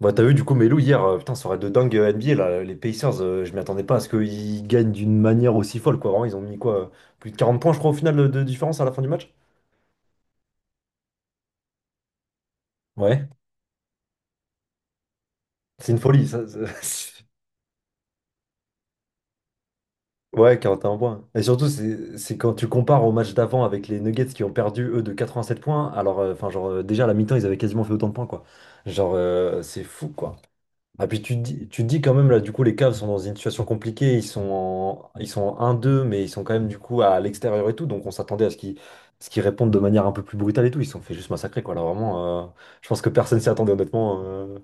Bah, t'as vu du coup Melo hier, putain, soirée de dingue NBA là, les Pacers, je m'y attendais pas à ce qu'ils gagnent d'une manière aussi folle quoi. Vraiment, ils ont mis quoi, plus de 40 points je crois au final de différence à la fin du match. Ouais. C'est une folie ça. c'est- Ouais, 41 points. Et surtout c'est quand tu compares au match d'avant avec les Nuggets qui ont perdu eux de 87 points, alors enfin genre déjà à la mi-temps, ils avaient quasiment fait autant de points quoi. Genre c'est fou quoi. Ah, puis tu te dis quand même, là, du coup, les Cavs sont dans une situation compliquée. Ils sont en 1-2, mais ils sont quand même, du coup, à l'extérieur et tout. Donc, on s'attendait à ce qu'ils répondent de manière un peu plus brutale et tout. Ils se sont fait juste massacrer, quoi. Là, vraiment, je pense que personne s'y attendait, honnêtement.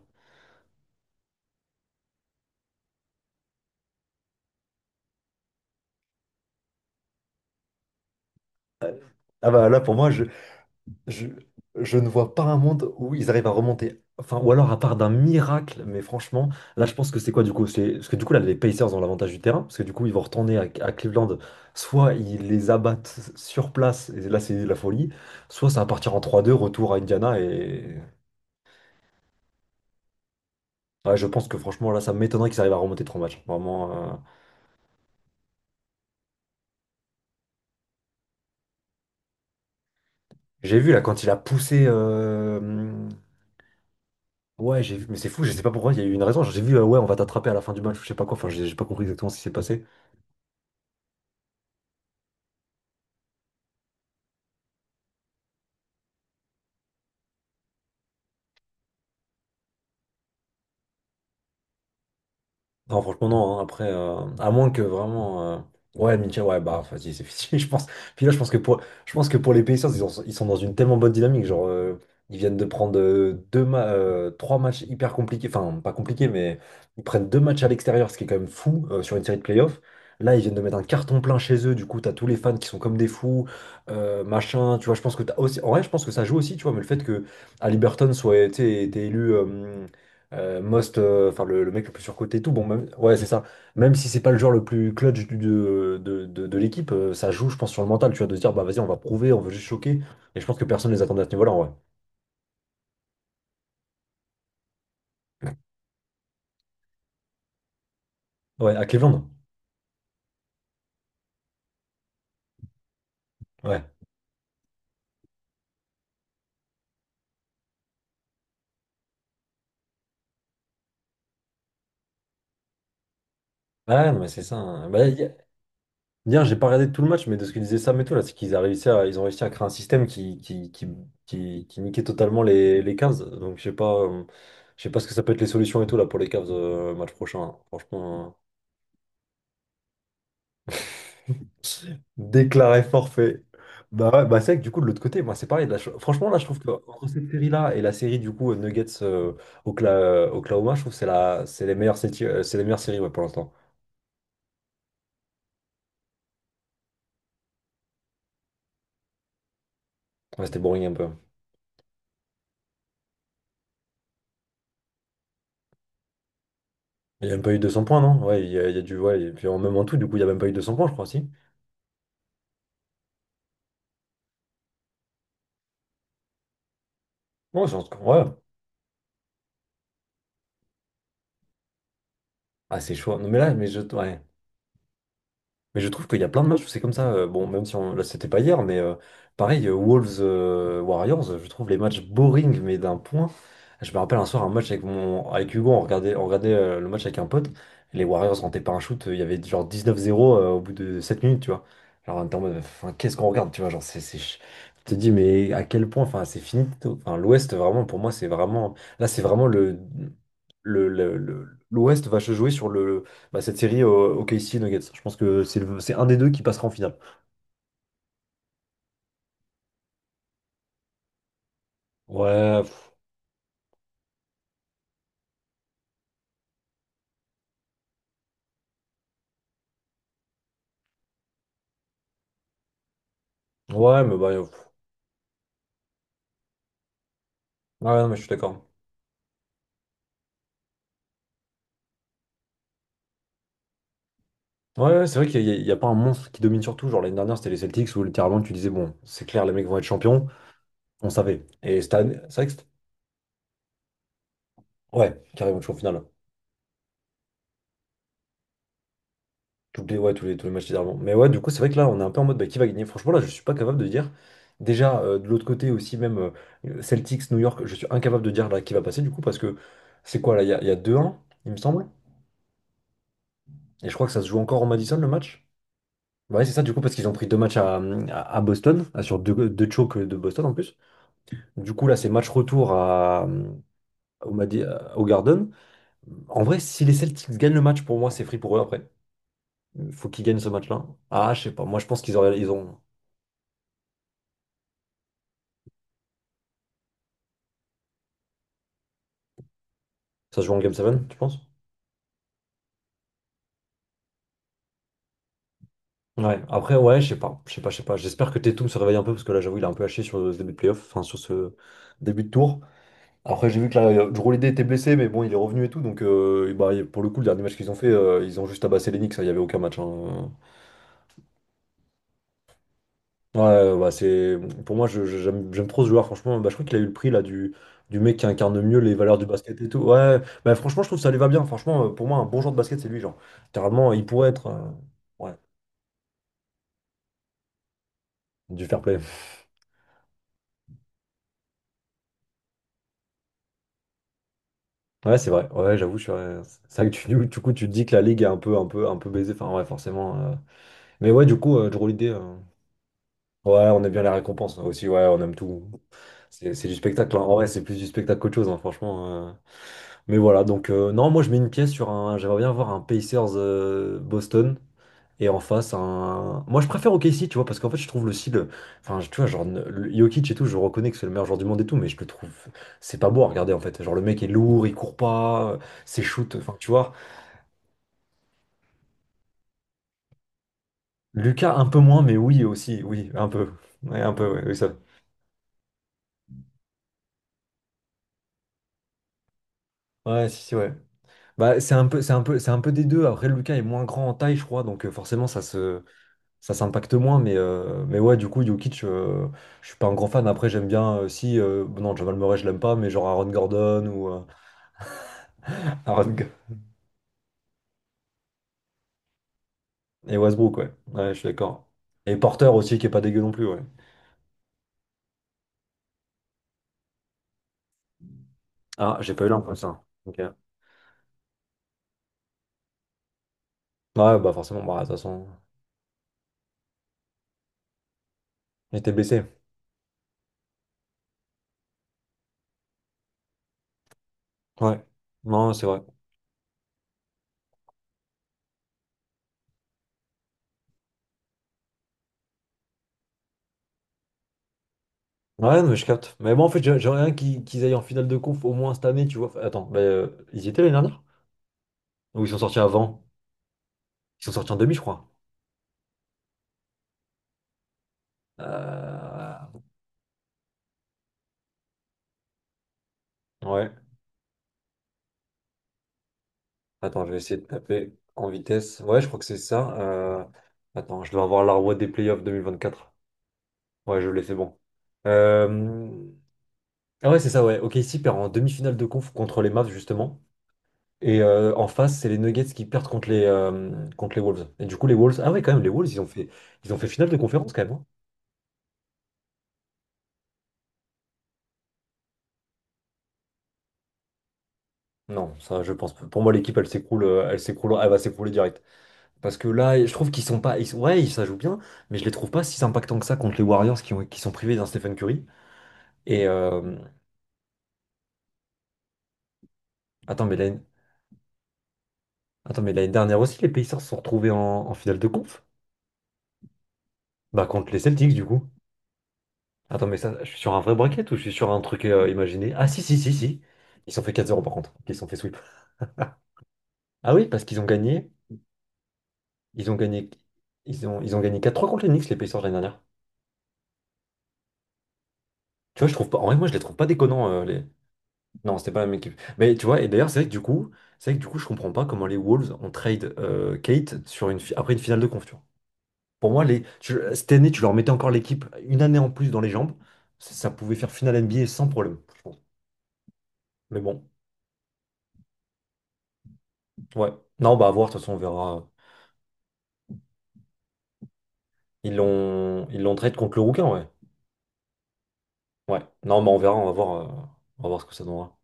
Ah, bah là, pour moi, Je, je ne vois pas un monde où ils arrivent à remonter. Enfin, ou alors à part d'un miracle, mais franchement, là je pense que c'est quoi du coup? C'est, parce que du coup là les Pacers ont l'avantage du terrain, parce que du coup ils vont retourner à Cleveland, soit ils les abattent sur place, et là c'est la folie, soit ça va partir en trois deux retour à Indiana, et ouais, je pense que franchement là ça m'étonnerait qu'ils arrivent à remonter 3 matchs. Vraiment, j'ai vu là quand il a poussé... Ouais, j'ai vu, mais c'est fou, je sais pas pourquoi, il y a eu une raison. J'ai vu, ouais, on va t'attraper à la fin du match, je sais pas quoi, enfin j'ai pas compris exactement ce qui s'est passé. Non, franchement, non, hein. Après, à moins que vraiment. Ouais, Mitchell, ouais, bah, vas-y, c'est fini, je pense. Puis là, je pense que pour les Pacers, ils sont dans une tellement bonne dynamique. Genre, ils viennent de prendre trois matchs hyper compliqués. Enfin, pas compliqués, mais ils prennent 2 matchs à l'extérieur, ce qui est quand même fou sur une série de playoffs. Là, ils viennent de mettre un carton plein chez eux. Du coup, t'as tous les fans qui sont comme des fous, machin. Tu vois, je pense que t'as aussi. En vrai, je pense que ça joue aussi, tu vois, mais le fait que Haliburton été élu. Most, enfin le mec le plus surcoté et tout, bon, même, ouais, c'est ça. Même si c'est pas le joueur le plus clutch de l'équipe, ça joue, je pense, sur le mental, tu vois, de se dire, bah vas-y, on va prouver, on veut juste choquer. Et je pense que personne les attendait à ce niveau-là, en vrai. Ouais, à Cleveland. Ouais. Ah non, mais c'est ça, hein. Bah, hier, j'ai pas regardé tout le match, mais de ce que disait Sam et tout, là, c'est qu'ils a réussi à, ils ont réussi à créer un système qui niquait totalement les Cavs. Donc, je sais pas ce que ça peut être les solutions et tout, là, pour les Cavs, match prochain, hein. Franchement. Déclaré forfait. Bah ouais, bah c'est vrai que du coup, de l'autre côté, moi, c'est pareil. Là, franchement, là, je trouve que entre cette série-là et la série, du coup, Nuggets Oklahoma, je trouve que c'est les meilleures séries, c'est les meilleures séries ouais, pour l'instant. Ouais, c'était boring un peu. Il n'y a même pas eu 200 points, non? Ouais, il y a du. Ouais, et puis en même en tout, du coup, il n'y a même pas eu deux cents points, je crois aussi. Non, ouais. Ah, c'est chaud. Non, mais là, mais je. Ouais. Mais je trouve qu'il y a plein de matchs où c'est comme ça, bon, même si là, c'était pas hier, mais pareil, Wolves Warriors, je trouve les matchs boring, mais d'un point. Je me rappelle un soir un match avec Hugo, on regardait le match avec un pote. Les Warriors rentaient pas un shoot, il y avait genre 19-0 au bout de 7 minutes, tu vois. Genre, on était en mode, enfin, qu'est-ce qu'on regarde, tu vois, genre, je te dis, mais à quel point, enfin, c'est fini, tôt. Enfin, l'Ouest, vraiment, pour moi, c'est vraiment. Là, c'est vraiment l'Ouest va se jouer sur le. Bah, cette série OKC Nuggets, je pense que c'est un des deux qui passera en finale. Ouais, pff, ouais, mais bah, pff, ouais, non, mais je suis d'accord. Ouais, ouais, c'est vrai qu'il n'y a, il y a pas un monstre qui domine sur tout. Genre l'année dernière, c'était les Celtics où littéralement tu disais, bon, c'est clair, les mecs vont être champions. On savait. Et cette année, c'est vrai que ouais, carrément, jusqu'au final. Ouais, tous les matchs d'avant. Mais ouais, du coup, c'est vrai que là, on est un peu en mode, bah, qui va gagner? Franchement, là, je suis pas capable de dire. Déjà, de l'autre côté aussi, même Celtics, New York, je suis incapable de dire là qui va passer du coup parce que c'est quoi là? Il y a 2-1, il me semble. Et je crois que ça se joue encore au Madison le match. Ouais, c'est ça, du coup, parce qu'ils ont pris deux matchs à Boston, sur deux chokes de Boston en plus. Du coup, là, c'est match retour au Garden. En vrai, si les Celtics gagnent le match, pour moi, c'est free pour eux après. Faut qu'ils gagnent ce match-là. Ah, je sais pas. Moi, je pense qu'ils auraient, ils ont. Ça se joue en Game 7, tu penses? Ouais, après, ouais, je sais pas. Je sais pas. J'espère que Tatum se réveille un peu, parce que là, j'avoue, il est un peu haché sur ce début de playoff, enfin, sur ce début de tour. Après, j'ai vu que là, Drew Holiday était blessé, mais bon, il est revenu et tout. Donc, bah, pour le coup, le dernier match qu'ils ont fait, ils ont juste abassé les Knicks. Il n'y avait aucun match, hein. Ouais, bah, c'est... Pour moi, j'aime trop ce joueur, franchement. Bah, je crois qu'il a eu le prix là, du mec qui incarne mieux les valeurs du basket et tout. Ouais, bah, franchement, je trouve que ça lui va bien. Franchement, pour moi, un bon joueur de basket, c'est lui. Genre, littéralement, il pourrait être. Ouais, du fair play. Ouais, c'est vrai. Ouais, j'avoue, ouais, c'est vrai que tu, du coup, tu te dis que la ligue est un peu, un peu, un peu baisée. Enfin, ouais, forcément. Mais ouais, du coup, Drew Holiday. Ouais, on aime bien les récompenses, hein, aussi, ouais, on aime tout. C'est du spectacle, hein. En vrai, c'est plus du spectacle qu'autre chose, hein, franchement. Mais voilà, donc non, moi je mets une pièce sur un. J'aimerais bien voir un Pacers Boston et en face un. Moi je préfère OKC, tu vois, parce qu'en fait je trouve le style. Enfin, tu vois, genre Jokic et tout, je reconnais que c'est le meilleur joueur du monde et tout, mais je le trouve. C'est pas beau à regarder en fait. Genre le mec est lourd, il court pas, ses shoots, enfin tu vois. Lucas un peu moins, mais oui aussi, oui, un peu. Ouais, un peu, ouais, oui, ça. Ouais, si, si, ouais. Bah, c'est un peu, c'est un peu, c'est un peu des deux. Après, Lucas est moins grand en taille, je crois, donc forcément, ça s'impacte moins. Mais ouais, du coup, Jokic, je suis pas un grand fan. Après, j'aime bien, si, bon, non, Jamal Murray, je l'aime pas, mais genre Aaron Gordon ou Aaron G- et Westbrook, ouais. Ouais, je suis d'accord. Et Porter aussi, qui est pas dégueu non plus, ouais. Ah, j'ai pas eu l'info, ça. Ok. Ouais, bah forcément, bah, de toute façon, il était blessé. Ouais. Non, c'est vrai. Ouais, non, mais je capte. Mais moi, en fait, j'aimerais bien qu'ils aillent en finale de conf au moins cette année, tu vois. Attends, bah, ils y étaient l'année dernière? Ou ils sont sortis avant. Ils sont sortis en demi, je crois. Euh, Ouais. Attends, je vais essayer de taper en vitesse. Ouais, je crois que c'est ça. Attends, je dois avoir la roue des playoffs 2024. Ouais, je l'ai, c'est bon. Euh, Ah ouais, c'est ça, ouais. Ok, ici perd en demi-finale de conf contre les Mavs, justement. Et en face, c'est les Nuggets qui perdent contre les Wolves. Et du coup, les Wolves... Ah ouais, quand même, les Wolves, ils ont fait finale de conférence, quand même, hein. Non, ça, je pense pas. Pour moi, l'équipe, elle s'écroule, elle va s'écrouler direct. Parce que là, je trouve qu'ils sont pas. Ils sont- ouais, ils- ça joue bien, mais je les trouve pas si impactants que ça contre les Warriors qui, qui sont privés d'un Stephen Curry. Et attends, mais l'année attends, mais l'année dernière aussi, les Pacers se sont retrouvés en finale de conf. Bah, contre les Celtics, du coup. Attends, mais ça, je suis sur un vrai bracket ou je suis sur un truc imaginé? Ah, si, si, si, si. Ils se sont fait 4-0 par contre. Ils se sont fait sweep. Ah oui, parce qu'ils ont gagné. Ils ont gagné. Ils ont gagné 4-3 contre les Knicks, les Pacers l'année dernière. Tu vois, je trouve pas. En vrai, moi, je les trouve pas déconnants, non, c'était pas la même équipe. Mais tu vois, et d'ailleurs, c'est vrai que du coup, je comprends pas comment les Wolves ont trade Kate après une finale de conf, tu vois. Pour moi, cette année, tu leur mettais encore l'équipe une année en plus dans les jambes, ça pouvait faire finale NBA sans problème, je pense. Mais bon, ouais. Non, bah à voir, de toute façon, on verra. Ils l'ont trade contre le Rouquin, ouais. Ouais. Non, bah on verra, on va voir ce que ça donnera.